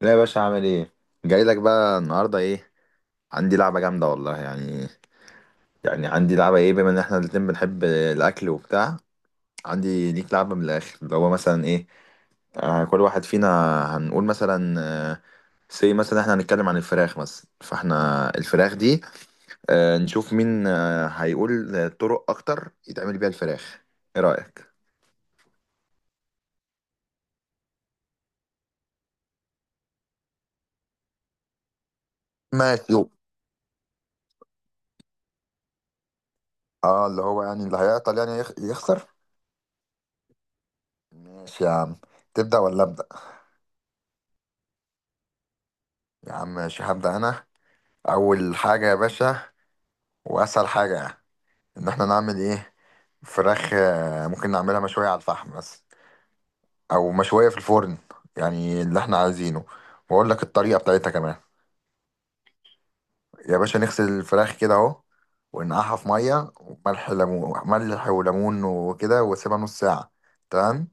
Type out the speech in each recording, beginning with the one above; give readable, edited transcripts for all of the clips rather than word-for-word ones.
لا يا باشا، عامل ايه؟ جاي لك بقى النهارده ايه. عندي لعبه جامده والله. يعني يعني عندي لعبه ايه، بما ان احنا الاتنين بنحب الاكل وبتاع. عندي ليك لعبه من الاخر، اللي هو مثلا ايه، آه، كل واحد فينا هنقول مثلا، آه، سي مثلا احنا هنتكلم عن الفراخ مثلا، فاحنا الفراخ دي نشوف مين هيقول طرق اكتر يتعمل بيها الفراخ. ايه رايك؟ ماشي. اه، اللي هو يعني اللي هيعطل يعني يخسر. ماشي يا عم. تبدأ ولا أبدأ؟ يا عم ماشي، هبدأ أنا. اول حاجه يا باشا، واسهل حاجه، ان احنا نعمل ايه؟ فراخ. ممكن نعملها مشويه على الفحم بس، او مشويه في الفرن. يعني اللي احنا عايزينه. واقول لك الطريقه بتاعتها كمان. يا باشا، نغسل الفراخ كده اهو، ونقعها في ميه وملح ليمون، ملح وليمون وكده، واسيبها نص ساعه. تمام.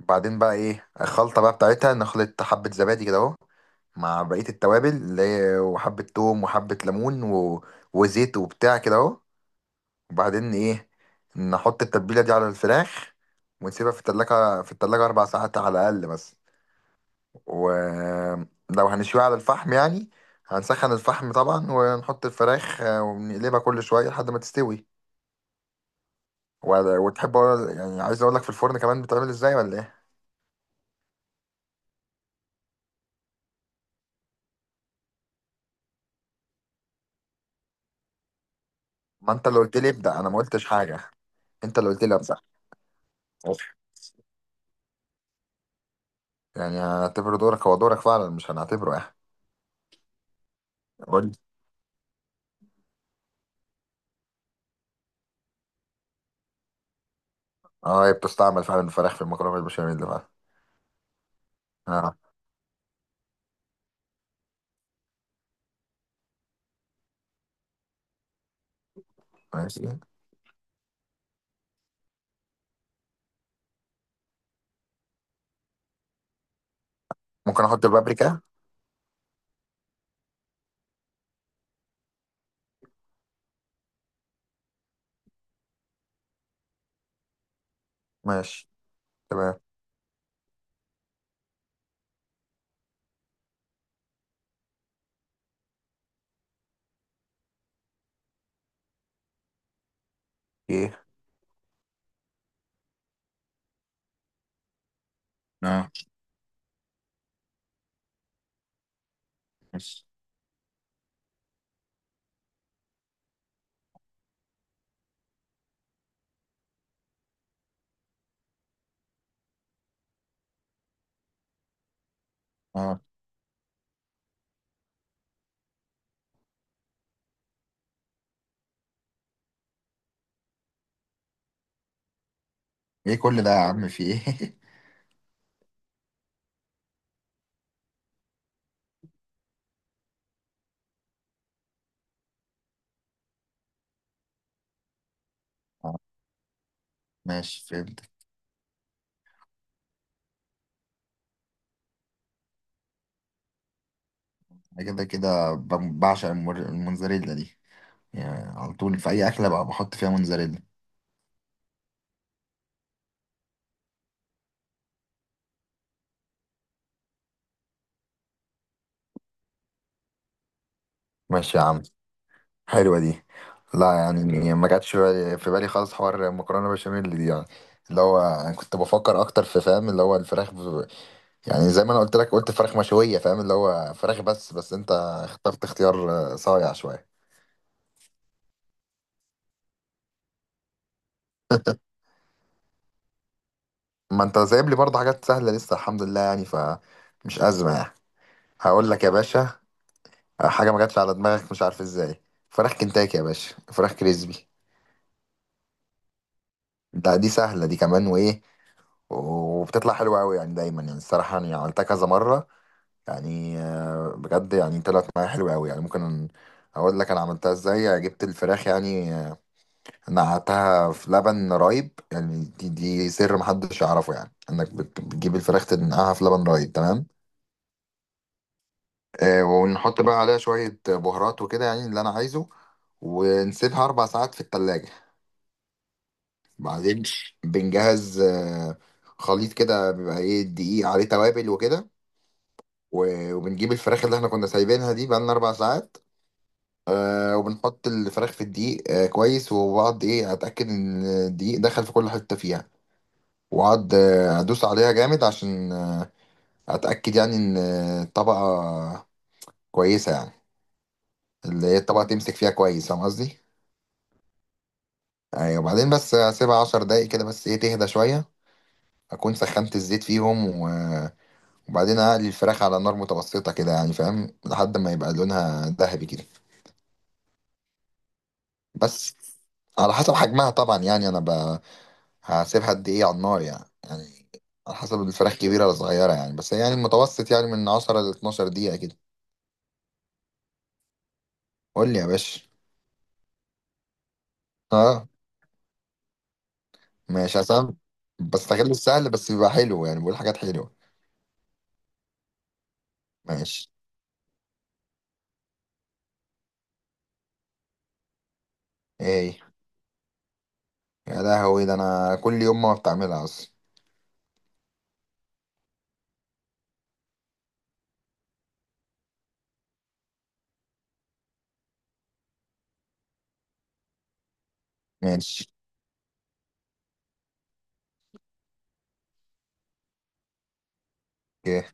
بعدين بقى ايه الخلطه بقى بتاعتها، نخلط حبه زبادي كده اهو مع بقيه التوابل، اللي هي وحبه توم وحبه ليمون و... وزيت وبتاع كده اهو. وبعدين ايه، نحط التتبيله دي على الفراخ ونسيبها في التلاجة، أربع ساعات على الأقل. بس ولو هنشويها على الفحم يعني، هنسخن الفحم طبعا ونحط الفراخ ونقلبها كل شوية لحد ما تستوي. يعني عايز أقول لك في الفرن كمان بتعمل إزاي ولا إيه؟ ما أنت اللي قلت لي ابدأ أنا، ما قلتش حاجة. أنت اللي قلت لي أبدأ. أوف. يعني هنعتبره دورك، هو دورك فعلا، مش هنعتبره إيه. قول لي. أه، هي بتستعمل فعلا الفراخ في المكرونة بالبشاميل فعلا. أه. ماشي. ممكن احط البابريكا. ماشي. تمام. ايه. اه. ماشي. اه. ايه كل ده يا عم، في ايه؟ آه، ماشي، فهمت. انا كده كده بعشق الموزاريلا دي. يعني على طول في اي اكله بقى بحط فيها موزاريلا. ماشي يا عم، حلوة دي. لا يعني ما جاتش في بالي، خالص حوار مكرونة بشاميل دي يعني. اللي هو انا كنت بفكر اكتر في، فاهم، اللي هو الفراخ ب... يعني زي ما انا قلت لك، قلت فراخ مشوية، فاهم، اللي هو فراخ بس. انت اخترت اختيار صايع شوية. ما انت سايب لي برضه حاجات سهلة لسه الحمد لله يعني، فمش أزمة يعني. هقول لك يا باشا، حاجة ما جاتش على دماغك مش عارف ازاي، فراخ كنتاكي يا باشا، فراخ كريسبي. دي سهلة دي كمان، وايه، وبتطلع حلوة قوي يعني دايما يعني. الصراحة انا عملتها كذا مرة يعني، بجد يعني طلعت معايا حلوة قوي يعني. ممكن اقول لك انا عملتها ازاي. جبت الفراخ يعني، نقعتها في لبن رايب يعني. دي سر محدش يعرفه يعني، انك بتجيب الفراخ تنقعها في لبن رايب. تمام. ونحط بقى عليها شوية بهارات وكده يعني اللي أنا عايزه، ونسيبها أربع ساعات في التلاجة. بعدين بنجهز، خليط كده بيبقى إيه، دقيق عليه توابل وكده. وبنجيب الفراخ اللي إحنا كنا سايبينها دي بقالنا أربع ساعات، وبنحط الفراخ في الدقيق كويس، وبقعد إيه أتأكد إن الدقيق دخل في كل حتة فيها. وأقعد أدوس عليها جامد عشان أتأكد يعني إن الطبقة كويسة يعني، اللي هي الطبقة تمسك فيها كويس، فاهم قصدي؟ ايوه. وبعدين بس اسيبها عشر دقايق كده بس، ايه، تهدى شويه. اكون سخنت الزيت فيهم وبعدين اقلي الفراخ على نار متوسطه كده يعني، فاهم، لحد ما يبقى لونها ذهبي كده. بس على حسب حجمها طبعا يعني. انا ب... هسيبها قد ايه على النار يعني، يعني على حسب الفراخ كبيره ولا صغيره يعني. بس يعني المتوسط يعني من 10 ل 12 دقيقه كده. قول لي يا باشا. اه، ماشي، عشان بستغل السهل، بس بيبقى حلو يعني، بقول حاجات حلوه. ماشي. ايه؟ يا لهوي، ده انا كل يوم ما بتعملها اصلا. ماشي. اوكي.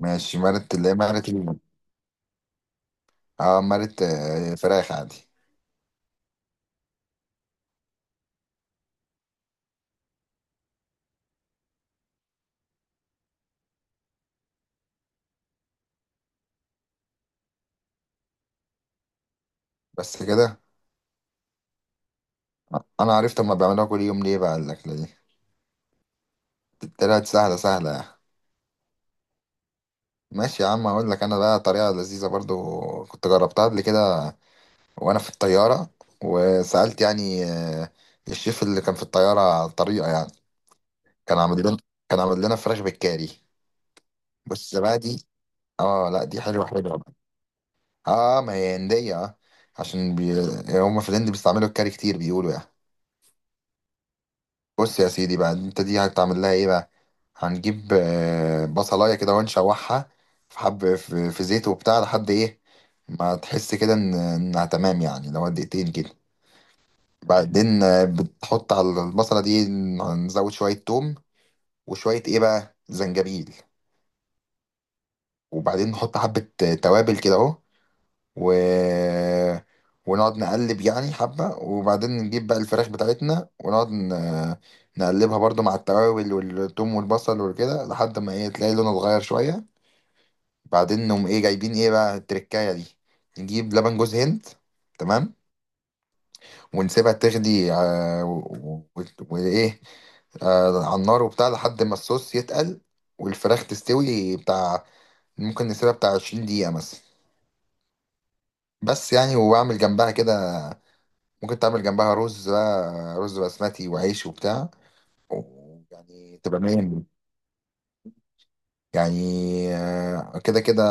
ماشي، مرت، اللي هي مرت اه، مرت، فراخ عادي. بس كده. انا عرفت هما بيعملوها كل يوم ليه بقى، الاكله دي طلعت سهله سهله يعني. ماشي يا عم. اقول لك انا بقى طريقه لذيذه برضو، كنت جربتها قبل كده وانا في الطياره، وسالت يعني الشيف اللي كان في الطياره على الطريقه يعني. كان عامل لنا كان عامل لنا فراخ بالكاري. بص بقى دي. اه لا، دي حلوه حلوه بقى. اه ما هي هنديه، عشان بي... هما في الهند بيستعملوا الكاري كتير بيقولوا يعني. بص يا سيدي بقى انت، دي هتعمل لها ايه بقى؟ هنجيب بصلايه كده ونشوحها في حب في زيت وبتاع لحد ايه ما تحس كده ان انها تمام يعني، لو دقيقتين كده. بعدين بتحط على البصله دي، نزود شويه توم وشويه ايه بقى، زنجبيل. وبعدين نحط حبه توابل كده اهو و... ونقعد نقلب يعني حبة. وبعدين نجيب بقى الفراخ بتاعتنا ونقعد ن... نقلبها برضو مع التوابل والثوم والبصل وكده لحد ما ايه، تلاقي لونه اتغير شوية. بعدين نقوم ايه، جايبين ايه بقى، التركاية دي نجيب لبن جوز هند. تمام. ونسيبها تغلي، وايه، على النار وبتاع لحد ما الصوص يتقل والفراخ تستوي بتاع. ممكن نسيبها بتاع 20 دقيقة مثلا. بس يعني. وبعمل جنبها كده، ممكن تعمل جنبها رز بقى، رز بسمتي وعيش وبتاع، ويعني تبقى مين. يعني كده كده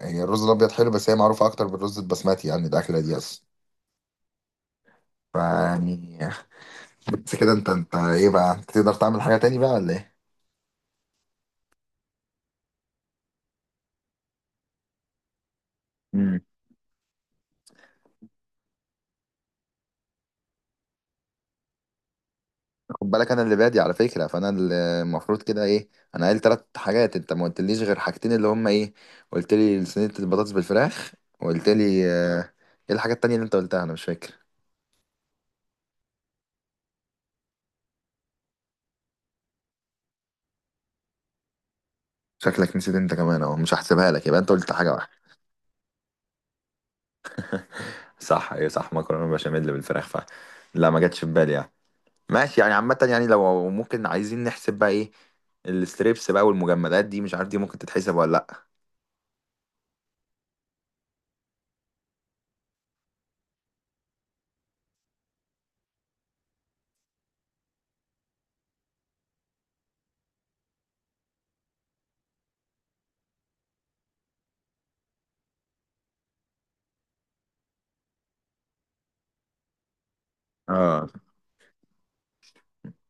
هي الرز الابيض حلو، بس هي معروفه اكتر بالرز البسمتي يعني الاكله دي اصلا، فيعني. بس كده، انت ايه بقى، انت تقدر تعمل حاجه تاني بقى ولا ايه؟ امم. خد بالك انا اللي بادي على فكره، فانا اللي المفروض كده ايه، انا قايل ثلاث حاجات انت ما قلتليش غير حاجتين، اللي هم ايه، قلت لي صينيه البطاطس بالفراخ، وقلت لي ايه الحاجه التانيه اللي انت قلتها، انا مش فاكر. شكلك نسيت انت كمان اهو، مش هحسبها لك، يبقى انت قلت حاجه واحده. صح. ايه صح، مكرونه بشاميل بالفراخ فعلا. لا، ما جاتش في بالي يعني. ماشي يعني، عامه يعني، لو ممكن عايزين نحسب بقى ايه، الستريبس بقى والمجمدات دي مش عارف دي ممكن تتحسب ولا لا. اه.